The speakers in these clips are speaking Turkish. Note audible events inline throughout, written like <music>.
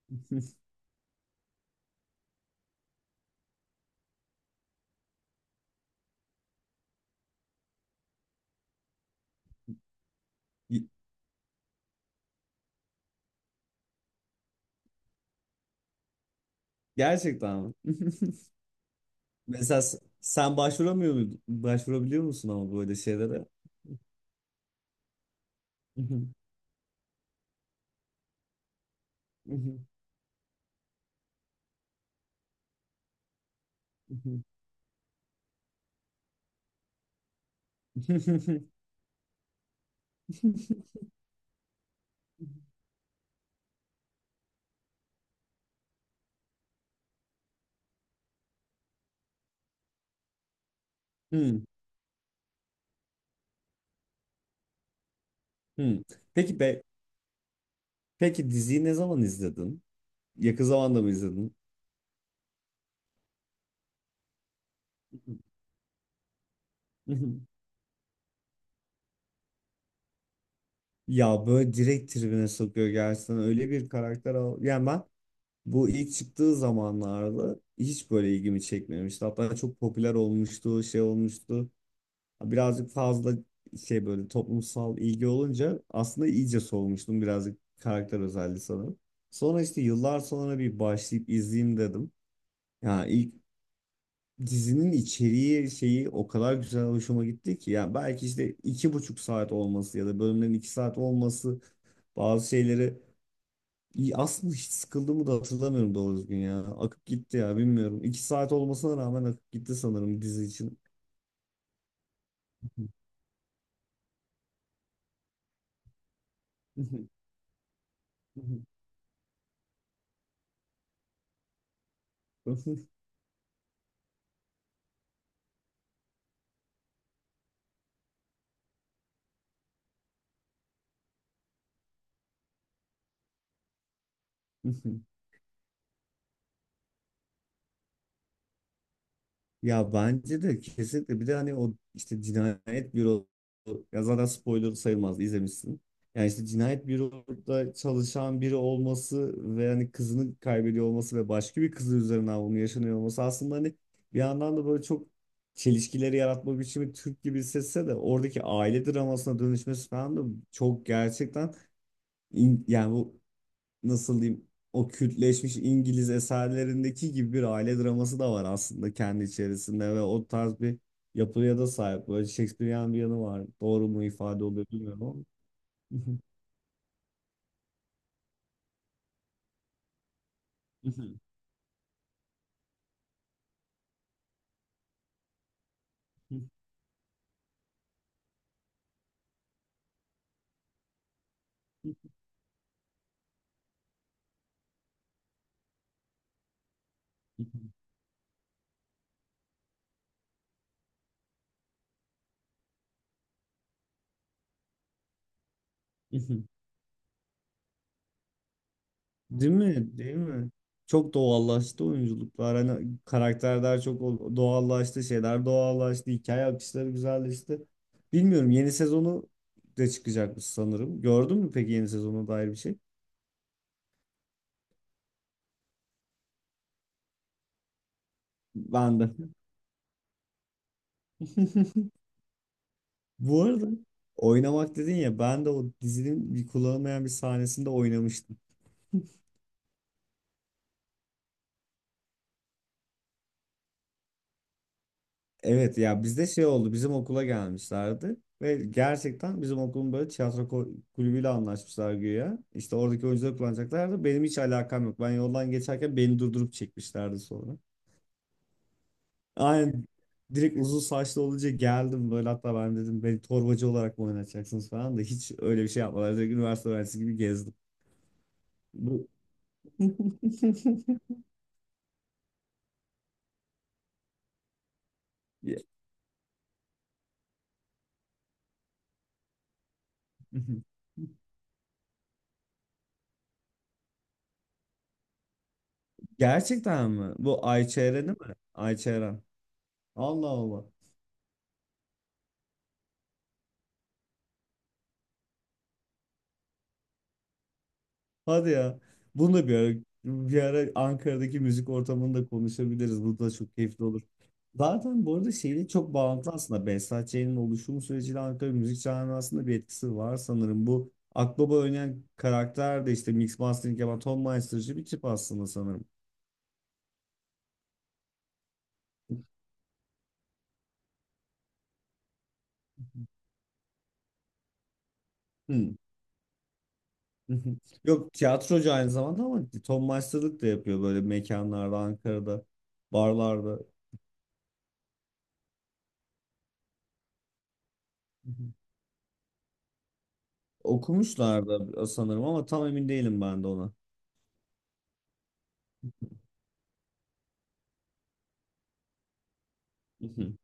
<laughs> Gerçekten mi? <laughs> Mesela sen başvuramıyor muydun? Başvurabiliyor musun ama böyle şeylere? <laughs> Hmm, hmm. Peki be, peki diziyi ne zaman izledin? Yakın zamanda mı izledin? <laughs> Ya böyle direkt tribüne sokuyor gerçekten öyle bir karakter al. Yani ben bu ilk çıktığı zamanlarda hiç böyle ilgimi çekmemişti. Hatta çok popüler olmuştu, şey olmuştu. Birazcık fazla şey böyle toplumsal ilgi olunca aslında iyice soğumuştum birazcık karakter özelliği sanırım. Sonra işte yıllar sonra bir başlayıp izleyeyim dedim. Ya ilk dizinin içeriği şeyi o kadar güzel hoşuma gitti ki. Yani belki işte iki buçuk saat olması ya da bölümlerin iki saat olması bazı şeyleri İyi, aslında hiç sıkıldığımı da hatırlamıyorum doğru düzgün ya. Akıp gitti ya bilmiyorum. İki saat olmasına rağmen akıp gitti sanırım dizi için. <laughs> Ya bence de kesinlikle bir de hani o işte cinayet büro ya zaten spoiler sayılmaz izlemişsin. Yani işte cinayet büroda çalışan biri olması ve hani kızını kaybediyor olması ve başka bir kızı üzerinden bunun yaşanıyor olması aslında hani bir yandan da böyle çok çelişkileri yaratma biçimi Türk gibi hissetse de oradaki aile dramasına dönüşmesi falan da çok gerçekten yani bu nasıl diyeyim o kültleşmiş İngiliz eserlerindeki gibi bir aile draması da var aslında kendi içerisinde ve o tarz bir yapıya da sahip. Böyle Shakespearean bir yanı var. Doğru mu ifade oluyor bilmiyorum ama. <laughs> Değil mi? Değil mi? Çok doğallaştı oyunculuklar. Hani karakterler çok doğallaştı, şeyler doğallaştı, hikaye akışları güzelleşti. Bilmiyorum yeni sezonu de çıkacakmış sanırım. Gördün mü peki yeni sezona dair bir şey? Ben de. <laughs> Bu arada oynamak dedin ya ben de o dizinin bir kullanılmayan bir sahnesinde oynamıştım. Evet ya bizde şey oldu bizim okula gelmişlerdi ve gerçekten bizim okulun böyle tiyatro kulübüyle anlaşmışlar güya. İşte oradaki oyuncuları kullanacaklardı. Benim hiç alakam yok. Ben yoldan geçerken beni durdurup çekmişlerdi sonra. Aynen direkt uzun saçlı olunca geldim böyle hatta ben dedim beni torbacı olarak mı oynatacaksınız falan da hiç öyle bir şey yapmadılar. Direkt üniversite öğrencisi gibi gezdim. Bu... <laughs> Ya. <laughs> Gerçekten mi? Bu Ayçeren'i mi? Ayçeren. Allah Allah. Hadi ya. Bunu da bir ara, bir ara Ankara'daki müzik ortamında konuşabiliriz. Bu da çok keyifli olur. Zaten bu arada şeyle çok bağlantılı aslında. Behzat Ç'nin oluşum süreciyle Ankara müzik camiasında bir etkisi var sanırım. Bu Akbaba oynayan karakter de işte mix mastering yapan Tom Meister'cı bir tip aslında sanırım. Hmm. <laughs> Yok tiyatrocu aynı zamanda ama Tom Meister'lık da yapıyor böyle mekanlarda, Ankara'da, barlarda. <laughs> Okumuşlardı sanırım ama tam emin değilim ben de ona. Mhm,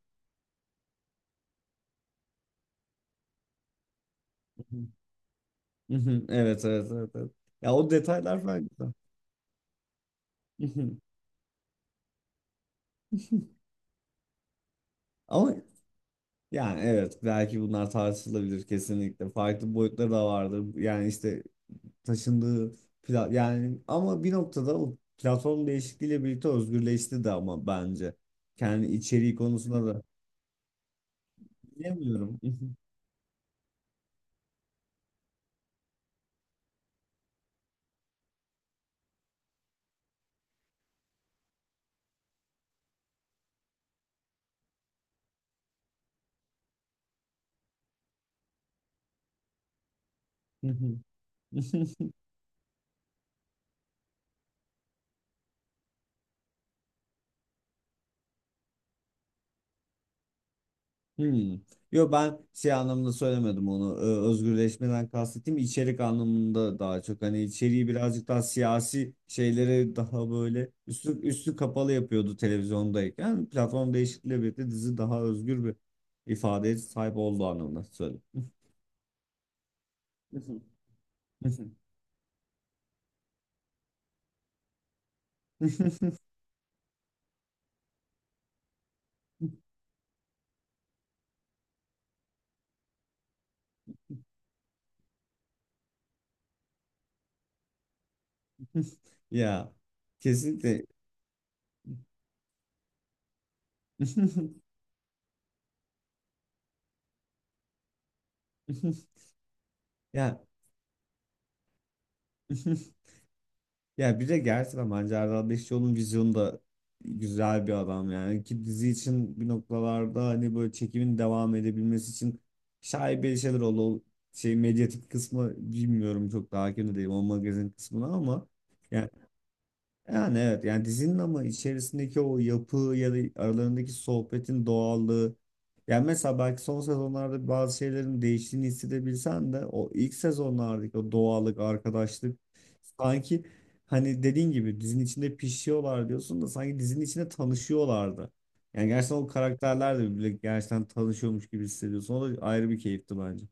mhm, mhm. Evet evet evet. Evet. Ya o detaylar farklı. Mhm. <laughs> Ama yani evet belki bunlar tartışılabilir kesinlikle. Farklı boyutları da vardır. Yani işte taşındığı yani ama bir noktada o platform değişikliğiyle birlikte özgürleşti de ama bence. Kendi içeriği konusunda da bilemiyorum. <laughs> Hmm. Yo ben şey anlamında söylemedim onu. Özgürleşmeden kastettiğim içerik anlamında daha çok hani içeriği birazcık daha siyasi şeylere daha böyle üstü üstü kapalı yapıyordu televizyondayken. Platform değişikliğiyle birlikte dizi daha özgür bir ifadeye sahip olduğu anlamında söyledim. <laughs> Ya kesinlikle. <laughs> Ya <laughs> Ya bir de gerçekten bence Erdal Beşikçioğlu'nun vizyonu da güzel bir adam yani ki dizi için bir noktalarda hani böyle çekimin devam edebilmesi için şaibeli şeyler oldu. O şey medyatik kısmı bilmiyorum çok daha hakim de değilim o magazin kısmına ama yani evet yani dizinin ama içerisindeki o yapı ya da aralarındaki sohbetin doğallığı yani mesela belki son sezonlarda bazı şeylerin değiştiğini hissedebilsen de o ilk sezonlardaki o doğallık, arkadaşlık sanki hani dediğin gibi dizinin içinde pişiyorlar diyorsun da sanki dizinin içinde tanışıyorlardı. Yani gerçekten o karakterler de birbiriyle gerçekten tanışıyormuş gibi hissediyorsun. O da ayrı bir keyifti bence.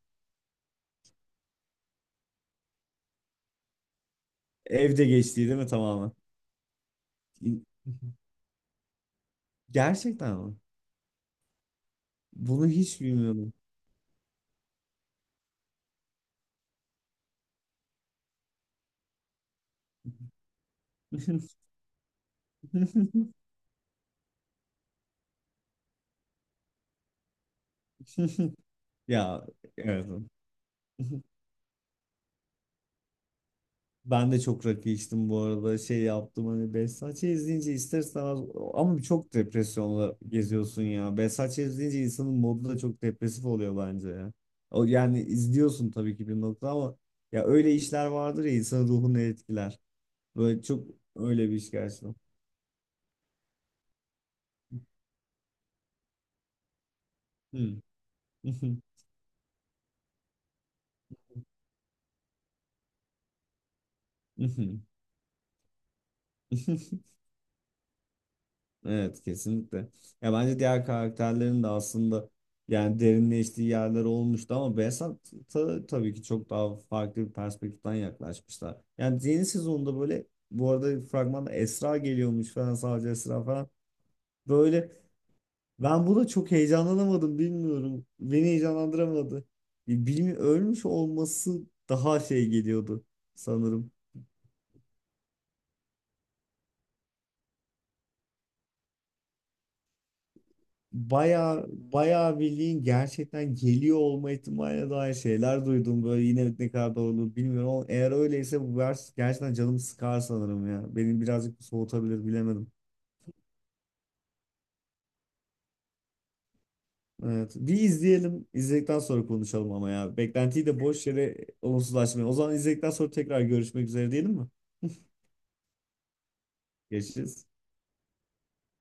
Evde geçtiği değil mi tamamen? <laughs> Gerçekten mi? Bunu hiç bilmiyordum. <laughs> <laughs> Ya evet. <laughs> Ben de çok rakı içtim bu arada. Şey yaptım hani Behzat Ç. izleyince ister istemez ama çok depresyonla geziyorsun ya. Behzat Ç. izleyince insanın modu da çok depresif oluyor bence ya. O yani izliyorsun tabii ki bir nokta ama ya öyle işler vardır ya insanın ruhunu etkiler. Böyle çok öyle bir iş gerçekten. Hmm. <laughs> Evet kesinlikle. Ya bence diğer karakterlerin de aslında yani derinleştiği yerler olmuştu ama Behzat'a tabii ki çok daha farklı bir perspektiften yaklaşmışlar. Yani yeni sezonda böyle bu arada fragmanda Esra geliyormuş falan sadece Esra falan. Böyle ben buna çok heyecanlanamadım bilmiyorum. Beni heyecanlandıramadı. Bilmi ölmüş olması daha şey geliyordu sanırım. Bayağı bayağı bildiğin gerçekten geliyor olma ihtimaline dair şeyler duydum böyle yine ne kadar doğru bilmiyorum ama eğer öyleyse bu vers gerçekten canımı sıkar sanırım ya. Beni birazcık soğutabilir bilemedim. Evet. Bir izleyelim. İzledikten sonra konuşalım ama ya. Beklentiyi de boş yere olumsuzlaşmayalım. O zaman izledikten sonra tekrar görüşmek üzere diyelim mi? Görüşürüz.